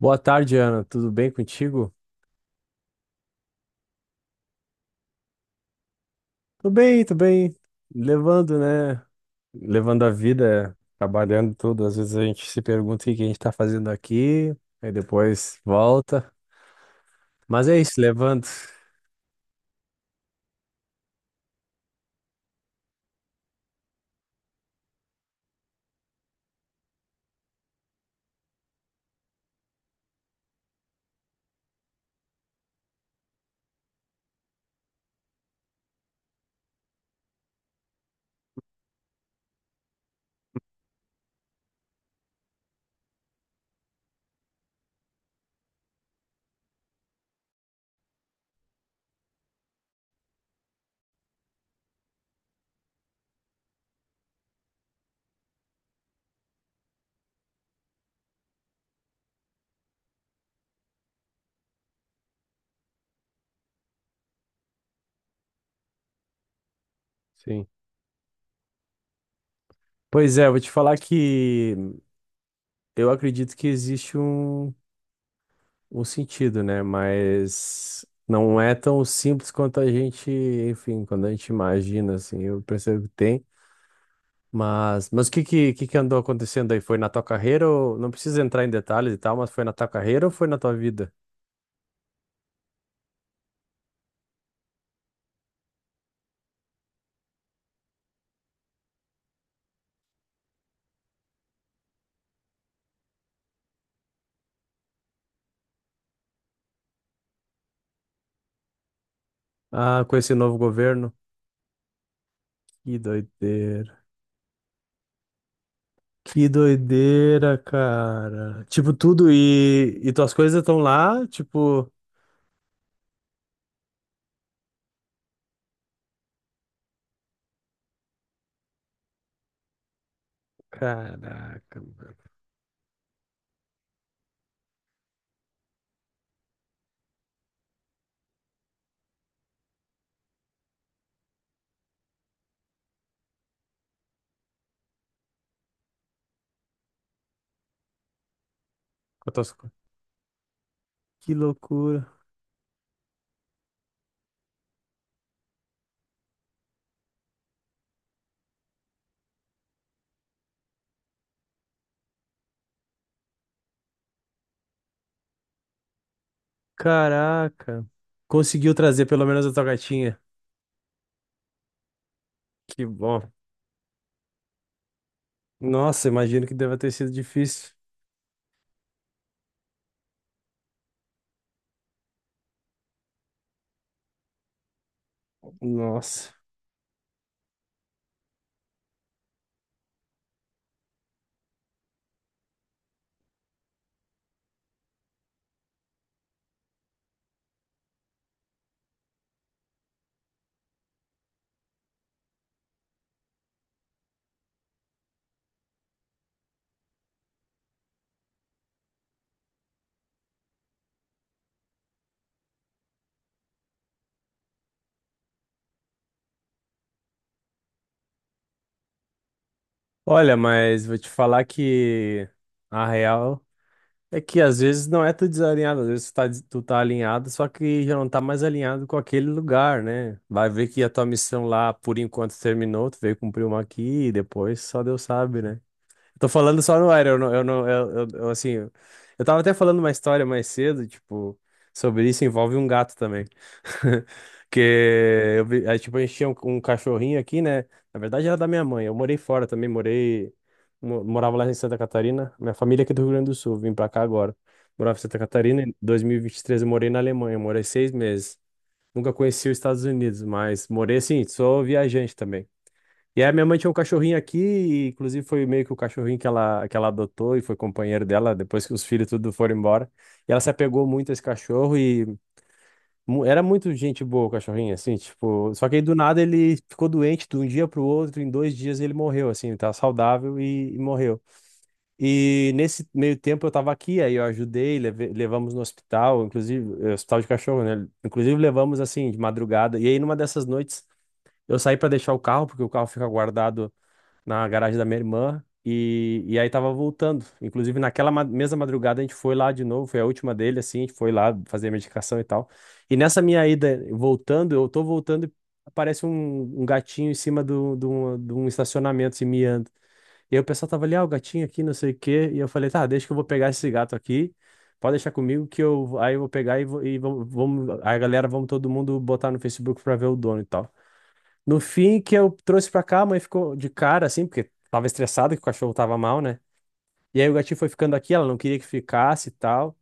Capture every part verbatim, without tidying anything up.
Boa tarde, Ana. Tudo bem contigo? Tô bem, tô bem. Levando, né? Levando a vida, trabalhando tudo. Às vezes a gente se pergunta o que que a gente tá fazendo aqui, aí depois volta. Mas é isso, levando. Sim. Pois é, vou te falar que eu acredito que existe um, um sentido, né? Mas não é tão simples quanto a gente, enfim, quando a gente imagina, assim, eu percebo que tem. Mas, mas o que, que, que que andou acontecendo aí? Foi na tua carreira ou... Não precisa entrar em detalhes e tal, mas foi na tua carreira ou foi na tua vida? Ah, com esse novo governo? Que doideira. Que doideira, cara. Tipo, tudo e, e tuas coisas estão lá, tipo... Caraca, mano. Com tuas co- Que loucura. Caraca. Conseguiu trazer pelo menos a tua gatinha. Que bom. Nossa, imagino que deva ter sido difícil. Nossa. Olha, mas vou te falar que a real é que às vezes não é tu desalinhado, às vezes tu tá, des- tu tá alinhado, só que já não tá mais alinhado com aquele lugar, né? Vai ver que a tua missão lá, por enquanto, terminou, tu veio cumprir uma aqui e depois só Deus sabe, né? Tô falando só no ar, eu não, eu não, eu, eu- eu, assim, eu, eu tava até falando uma história mais cedo, tipo, sobre isso, envolve um gato também. Que eu vi, aí, tipo, a gente tinha um, um cachorrinho aqui, né? Na verdade era da minha mãe, eu morei fora também, morei, mo- morava lá em Santa Catarina, minha família é aqui do Rio Grande do Sul, vim pra cá agora. Morava em Santa Catarina, em dois mil e vinte e três eu morei na Alemanha, morei seis meses. Nunca conheci os Estados Unidos, mas morei assim, sou viajante também. E aí, minha mãe tinha um cachorrinho aqui, e inclusive foi meio que o cachorrinho que ela, que ela adotou e foi companheiro dela depois que os filhos tudo foram embora. E ela se apegou muito a esse cachorro e mu- era muito gente boa o cachorrinho, assim, tipo. Só que aí do nada ele ficou doente de um dia pro outro, em dois dias ele morreu, assim, ele tava saudável e, e morreu. E nesse meio tempo eu tava aqui, aí eu ajudei, leve- levamos no hospital, inclusive, é, hospital de cachorro, né? Inclusive levamos assim, de madrugada. E aí numa dessas noites. Eu saí para deixar o carro, porque o carro fica guardado na garagem da minha irmã. E, e aí tava voltando. Inclusive, naquela ma- mesma madrugada, a gente foi lá de novo. Foi a última dele, assim. A gente foi lá fazer a medicação e tal. E nessa minha ida voltando, eu tô voltando e aparece um, um gatinho em cima do, do, de um estacionamento, assim, miando. E aí o pessoal tava ali, ah, o gatinho aqui, não sei o quê. E eu falei, tá, deixa que eu vou pegar esse gato aqui. Pode deixar comigo que eu aí eu vou pegar e, vou, e vamos, vamos. Aí a galera, vamos todo mundo botar no Facebook pra ver o dono e tal. No fim, que eu trouxe pra cá, a mãe ficou de cara, assim, porque tava estressada que o cachorro tava mal, né? E aí o gatinho foi ficando aqui, ela não queria que ficasse e tal.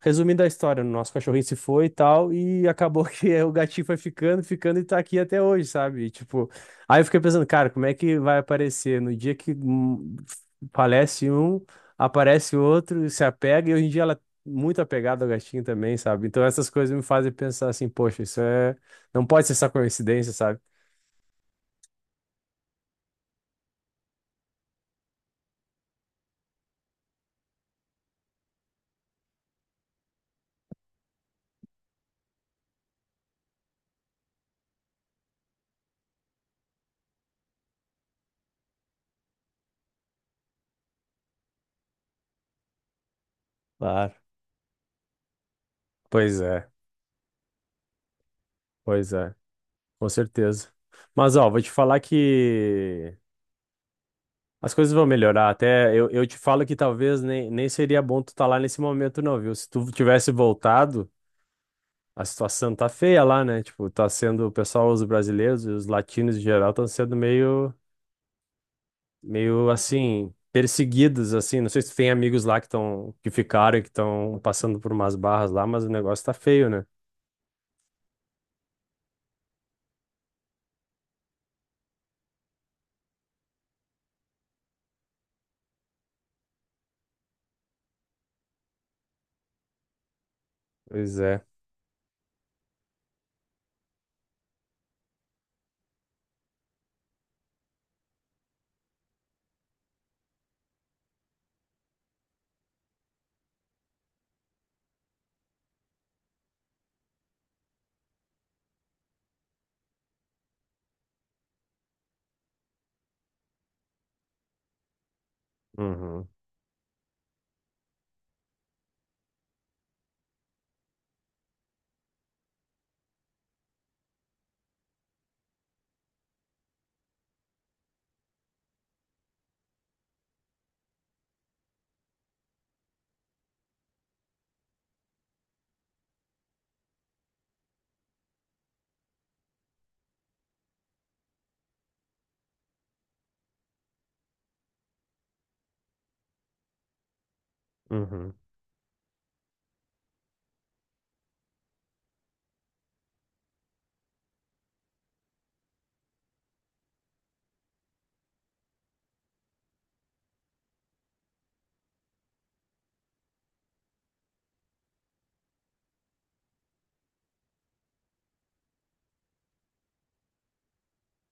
Resumindo a história, o nosso cachorrinho se foi e tal, e acabou que o gatinho foi ficando, ficando e tá aqui até hoje, sabe? E, tipo, aí eu fiquei pensando, cara, como é que vai aparecer? No dia que hum, falece um, aparece outro, se apega, e hoje em dia ela é muito apegada ao gatinho também, sabe? Então essas coisas me fazem pensar assim, poxa, isso é. Não pode ser só coincidência, sabe? Claro. Pois é, pois é, com certeza. Mas ó, vou te falar que as coisas vão melhorar. Até eu, eu te falo que talvez nem, nem seria bom tu estar lá nesse momento, não, viu? Se tu tivesse voltado, a situação tá feia lá, né? Tipo, tá sendo, o pessoal, os brasileiros e os latinos em geral estão sendo meio, meio, assim, perseguidos, assim. Não sei se tu tem amigos lá que estão, que ficaram, e que estão passando por umas barras lá, mas o negócio tá feio, né? Pois é. Uhum, uhum.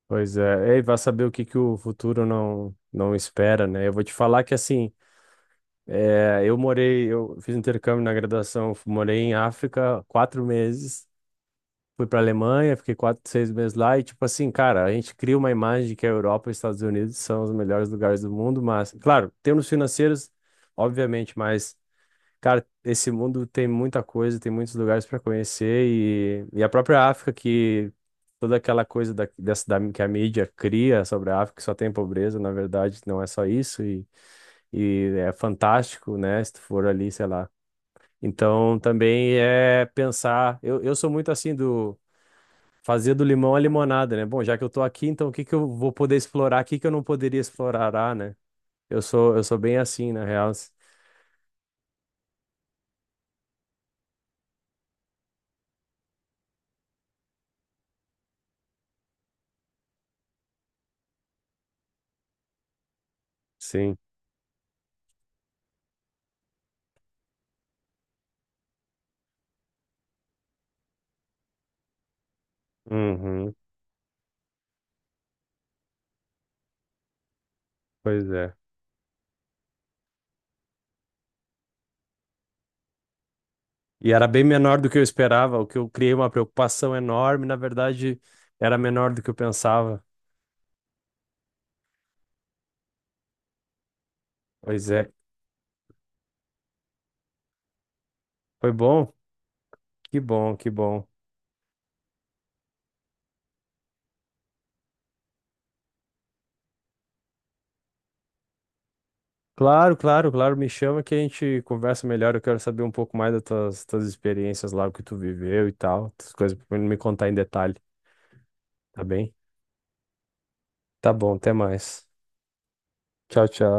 Pois é, e vai saber o que que o futuro não, não espera, né? Eu vou te falar que assim, é, eu morei, eu fiz intercâmbio na graduação, fu- morei em África quatro meses, fui para Alemanha, fiquei quatro, seis meses lá e tipo assim, cara, a gente cria uma imagem de que a Europa e os Estados Unidos são os melhores lugares do mundo, mas claro, termos financeiros, obviamente, mas cara, esse mundo tem muita coisa, tem muitos lugares para conhecer e, e a própria África que toda aquela coisa da, dessa, da, que a mídia cria sobre a África, que só tem pobreza, na verdade não é só isso e, e é fantástico, né? Se tu for ali, sei lá. Então também é pensar, eu, eu sou muito assim do fazer do limão a limonada, né? Bom, já que eu tô aqui, então o que que eu vou poder explorar, o que que eu não poderia explorar, né? Eu sou, eu sou bem assim, na real. Sim. Uhum. Pois é. E era bem menor do que eu esperava, o que eu criei uma preocupação enorme, na verdade, era menor do que eu pensava. Pois é, foi bom? Que bom, que bom. Claro, claro, claro, me chama que a gente conversa melhor, eu quero saber um pouco mais das tuas, tuas experiências lá, o que tu viveu e tal, essas coisas, pra me contar em detalhe, tá bem? Tá bom, até mais. Tchau, tchau.